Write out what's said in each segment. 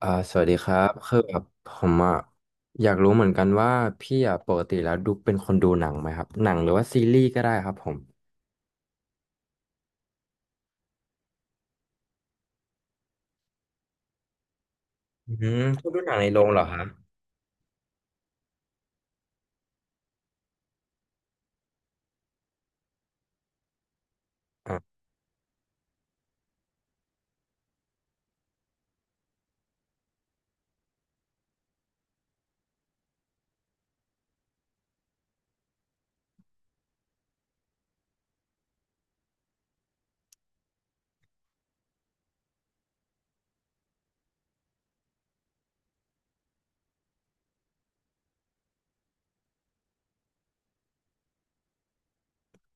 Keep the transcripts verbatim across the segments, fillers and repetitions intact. อ่าสวัสดีครับคือแบบผมอ่ะอยากรู้เหมือนกันว่าพี่อ่ะปกติแล้วดูเป็นคนดูหนังไหมครับหนังหรือว่าซีรีส์ก็ได้ครับผมอืมชอบดูหนังในโรงเหรอครับอ่า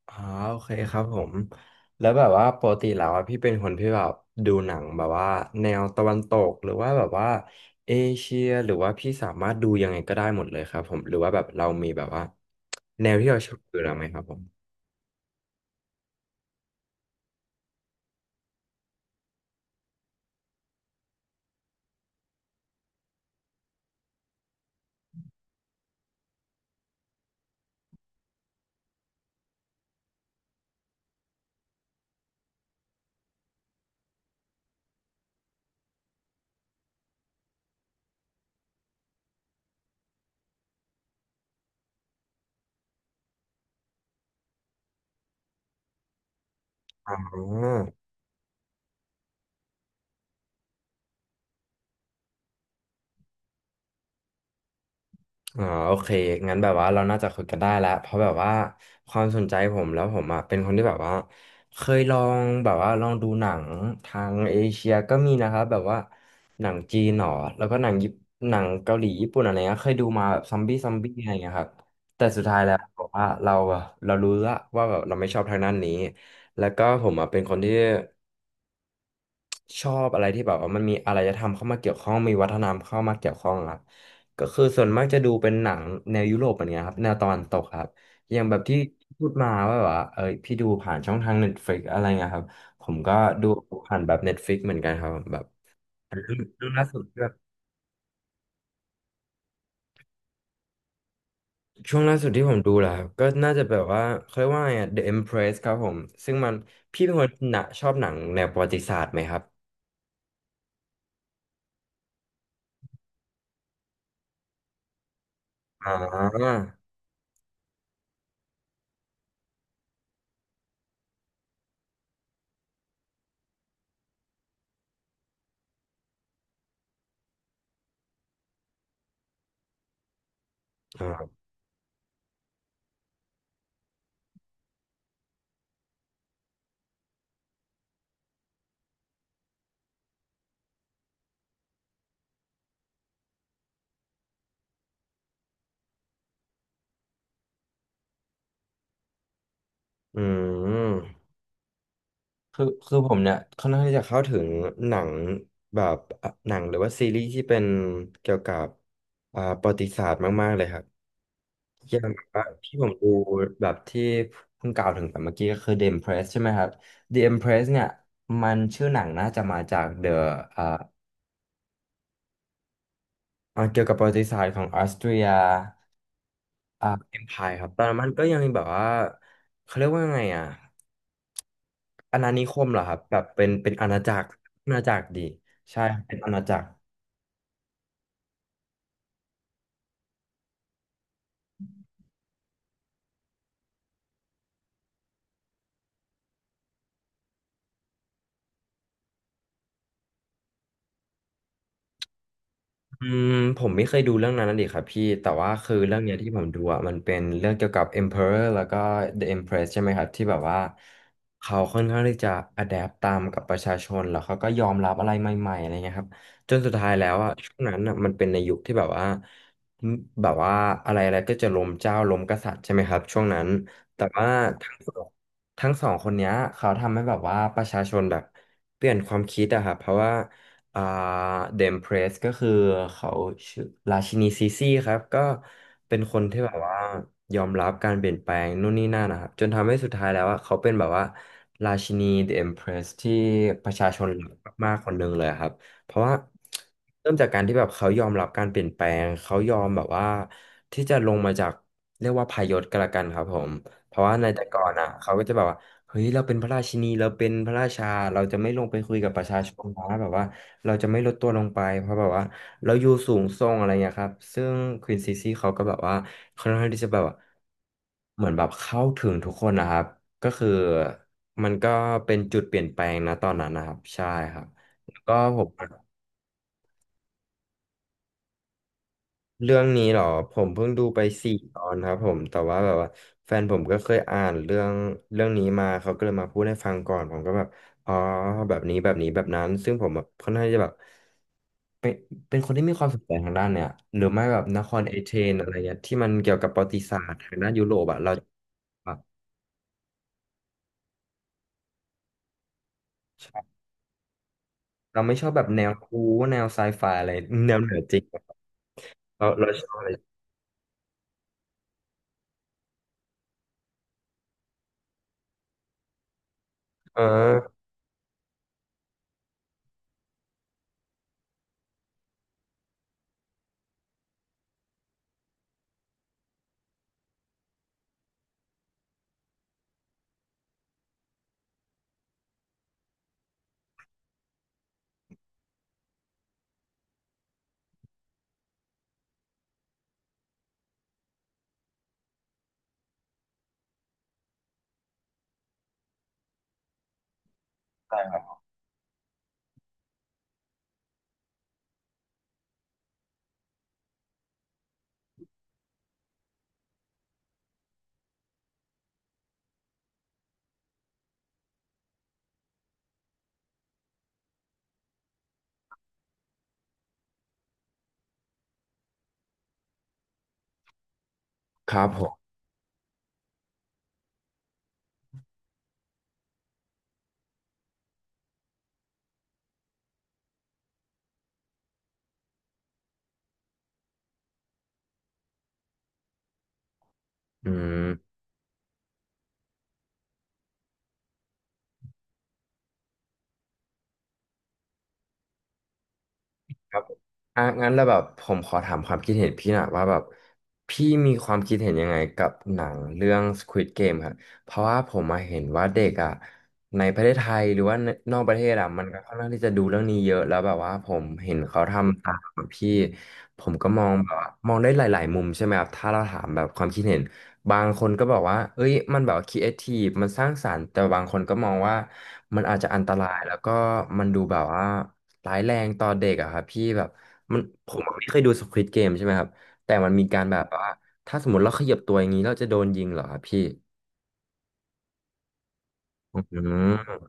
อ๋อโอเคครับผมแล้วแบบว่าปกติแล้วอ่ะพี่เป็นคนที่แบบดูหนังแบบว่าแนวตะวันตกหรือว่าแบบว่าเอเชียหรือว่าพี่สามารถดูยังไงก็ได้หมดเลยครับผมหรือว่าแบบเรามีแบบว่าแนวที่เราชอบดูแล้วไหมครับผมอ๋อ อ๋อโอเคงั้นแบบว่าเราน่าจะคุยกันได้แล้วเพราะแบบว่าความสนใจผมแล้วผมอ่ะเป็นคนที่แบบว่าเคยลองแบบว่าลองดูหนังทางเอเชียก็มีนะครับแบบว่าหนังจีนหรอแล้วก็หนังญี่ปุ่นหนังเกาหลีญี่ปุ่นอะไรเงี้ยเคยดูมาแบบซอมบี้ซอมบี้อะไรเงี้ยครับแต่สุดท้ายแล้วบอกว่าเราอะเรารู้ละว่าแบบเราไม่ชอบทางด้านนี้แล้วก็ผมอ่ะเป็นคนที่ ชอบอะไรที่แบบว่ามันมีอารยธรรมเข้ามาเกี่ยวข้องมีวัฒนธรรมเข้ามาเกี่ยวข้องครับก็คือส่วนมากจะดูเป็นหนังแนวยุโรปอะไรเงี้ยครับแนวตะวันตกครับอย่างแบบที่พูดมาว่าแบบว่าเอ้ยพี่ดูผ่านช่องทาง Netflix อะไรเงี้ยครับผมก็ดูผ่านแบบ Netflix เหมือนกันครับแบบดูล่าสุดแบบช่วงล่าสุดที่ผมดูแหละครับก็น่าจะแบบว่าเขาเรียกว่าไงอะ The Empress ครับผมซึ่งมันพี่เป็นคนหนะชอบหนังแนวประวัติศาสตร์ไหมครับอ่าอ่าอืม คือคือผมเนี่ยค่อนข้างที่จะเข้าถึงหนังแบบอ่ะหนังหรือว่าซีรีส์ที่เป็นเกี่ยวกับอ่าประวัติศาสตร์มากๆเลยครับอย่างแบบว่าที่ผมดูแบบที่เพิ่งกล่าวถึงแบบเมื่อกี้ก็คือ The Empress ใช่ไหมครับ The Empress เนี่ยมันชื่อหนังน่าจะมาจาก The อ่าอ่าเกี่ยวกับประวัติศาสตร์ของออสเตรียอ่า Empire ครับตอนนั้นมันก็ยังมีแบบว่าเขาเรียกว่าไงอ่ะอาณานิคมเหรอครับแบบเป็นเป็นอาณาจักรอาณาจักรดีใช่เป็นอาณาจักร อืมผมไม่เคยดูเรื่องนั้นนะดิครับพี่แต่ว่าคือเรื่องเนี้ยที่ผมดูอ่ะมันเป็นเรื่องเกี่ยวกับ Emperor แล้วก็ The Empress ใช่ไหมครับที่แบบว่าเขาค่อนข้างที่จะ adapt ตามกับประชาชนแล้วเขาก็ยอมรับอะไรใหม่ๆอะไรเงี้ยครับจนสุดท้ายแล้วอ่ะช่วงนั้นอ่ะมันเป็นในยุคที่แบบว่าแบบว่าอะไรอะไรก็จะล้มเจ้าล้มกษัตริย์ใช่ไหมครับช่วงนั้นแต่ว่าทั้งสองทั้งสองคนเนี้ยเขาทำให้แบบว่าประชาชนแบบเปลี่ยนความคิดอะครับเพราะว่า อ่าเดมเพรสก็คือเขาชื่อราชินีซีซีครับก็เป็นคนที่แบบว่ายอมรับการเปลี่ยนแปลงนู่นนี่นั่นนะครับจนทำให้สุดท้ายแล้วว่าเขาเป็นแบบว่าราชินีเดมเพรสที่ประชาชนรักมากๆคนหนึ่งเลยครับเพราะว่าเริ่มจากการที่แบบเขายอมรับการเปลี่ยนแปลงเขายอมแบบว่าที่จะลงมาจากเรียกว่าพายศก็แล้วกันครับผม เพราะว่าในแต่ก่อนอ่ะเขาก็จะแบบว่าเฮ้ยเราเป็นพระราชินีเราเป็นพระราชาเราจะไม่ลงไปคุยกับประชาชนนะแบบว่าเราจะไม่ลดตัวลงไปเพราะแบบว่าเราอยู่สูงส่งอะไรเงี้ยครับซึ่งควีนซีซีเขาก็แบบว่าค่อนข้างที่จะแบบว่าเหมือนแบบเข้าถึงทุกคนนะครับก็คือมันก็เป็นจุดเปลี่ยนแปลงนะตอนนั้นนะครับใช่ครับแล้วก็ผม เรื่องนี้เหรอผมเพิ่งดูไปสี่ตอนครับผมแต่ว่าแบบว่าแฟนผมก็เคยอ่านเรื่องเรื่องนี้มาเขาก็เลยมาพูดให้ฟังก่อนผมก็แบบอ๋อแบบนี้แบบนี้แบบนั้นซึ่งผมแบบค่อนข้างจะแบบเป็นเป็นคนที่มีความสนใจทางด้านเนี่ยหรือไม่แบบนครเอเธนอะไรเงี้ยที่มันเกี่ยวกับประวัติศาสตร์ทางด้านยุโรปอะเราอะใช่เราไม่ชอบแบบแนวคูแนวไซไฟอะไรแนวเหนือจริงอะเราเราชอบอะไรเออครับผมอืม ครับผมอ่ะงั้นแล้วแบบผมขอถามความคิดเห็นพี่หน่อยว่าแบบพี่มีความคิดเห็นยังไงกับหนังเรื่อง Squid Game ครับ เพราะว่าผมมาเห็นว่าเด็กอ่ะในประเทศไทยหรือว่านอกประเทศอ่ะมันก็ค่อนข้างที่จะดูเรื่องนี้เยอะแล้วแบบว่าผมเห็นเขาทำตามอะพี่ผมก็มองแบบว่ามองได้หลายๆมุมใช่ไหมครับถ้าเราถามแบบความคิดเห็นบางคนก็บอกว่าเอ้ยมันแบบครีเอทีฟมันสร้างสรรค์แต่บางคนก็มองว่า มันอาจจะอันตรายแล้วก็มันดูแบบว่าร้ายแรงต่อเด็กอะครับพี่แบบมันผมไม่เคยดูสควิดเกมใช่ไหมครับแต่มันมีการแบบว่าถ้าสมมติเราขยับตัวอย่างนี้เราจะโดนยิงเหรอครับพี่อืม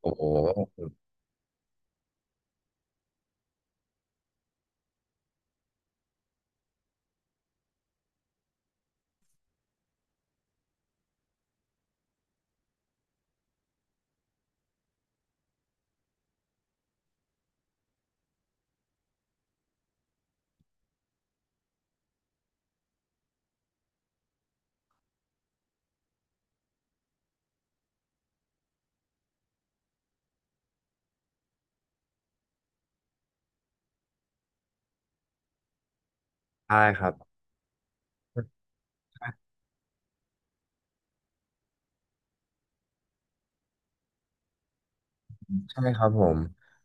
โอ้โหใช่ครับ ใช่ครับผม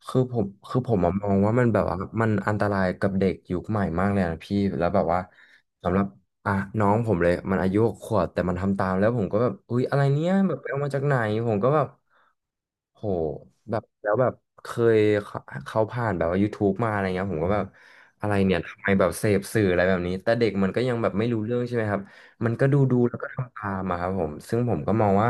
คือผมคือผมอะมองว่ามันแบบว่ามันอันตรายกับเด็กยุคใหม่มากเลยนะพี่ แล้วแบบว่าสำหรับอ่ะน้องผมเลยมันอายุหกขวบแต่มันทำตามแล้วผมก็แบบอุ๊ยอะไรเนี้ยแบบไปเอามาจากไหนผมก็แบบโหแบบแล้วแบบเคยเขาเขาผ่านแบบว่า ยูทูบ มาอะไรเงี้ยผมก็แบบอะไรเนี่ยทำไมแบบเสพสื่ออะไรแบบนี้แต่เด็กมันก็ยังแบบไม่รู้เรื่องใช่ไหมครับ มันก็ดูดูแล้วก็ทำตามอะครับผมซึ่งผมก็มองว่า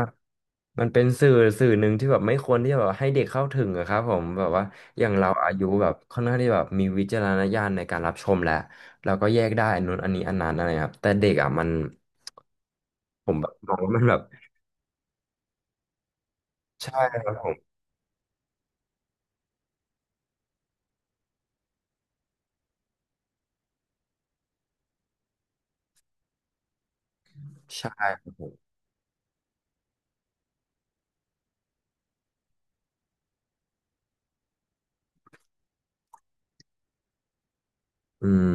มันเป็นสื่อสื่อหนึ่งที่แบบไม่ควรที่จะแบบให้เด็กเข้าถึงอะครับผมแบบว่าอย่างเราอายุแบบค่อนข้างที่แบบมีวิจารณญาณในการรับชมแล้วเราก็แยกได้อันนู้นอันนี้อันนั้นอะไรครับแต่เด็กอะมันผมแบบมองว่ามันแบบใช่ครับใช่ครับผมอืม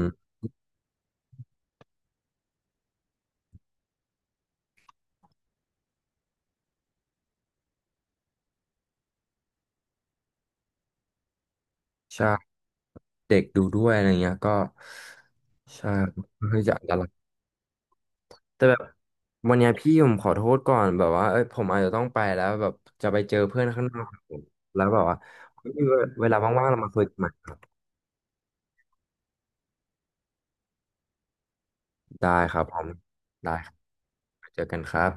ใช่เด็กดูด้วยอะไรเงี้ยก็ใช่ค่อน่างลีจะอันต แต่แบบวันเนี้ยพี่ผมขอโทษก่อนแบบว่าเอ้ยผมอาจจะต้องไปแล้วแบบจะไปเจอเพื่อนข้างนอกครับผมแล้วแบบว่าเวลาว่างๆเรามาคุยกันใหม่ได้ครับผมได้ครับเจอกันครับ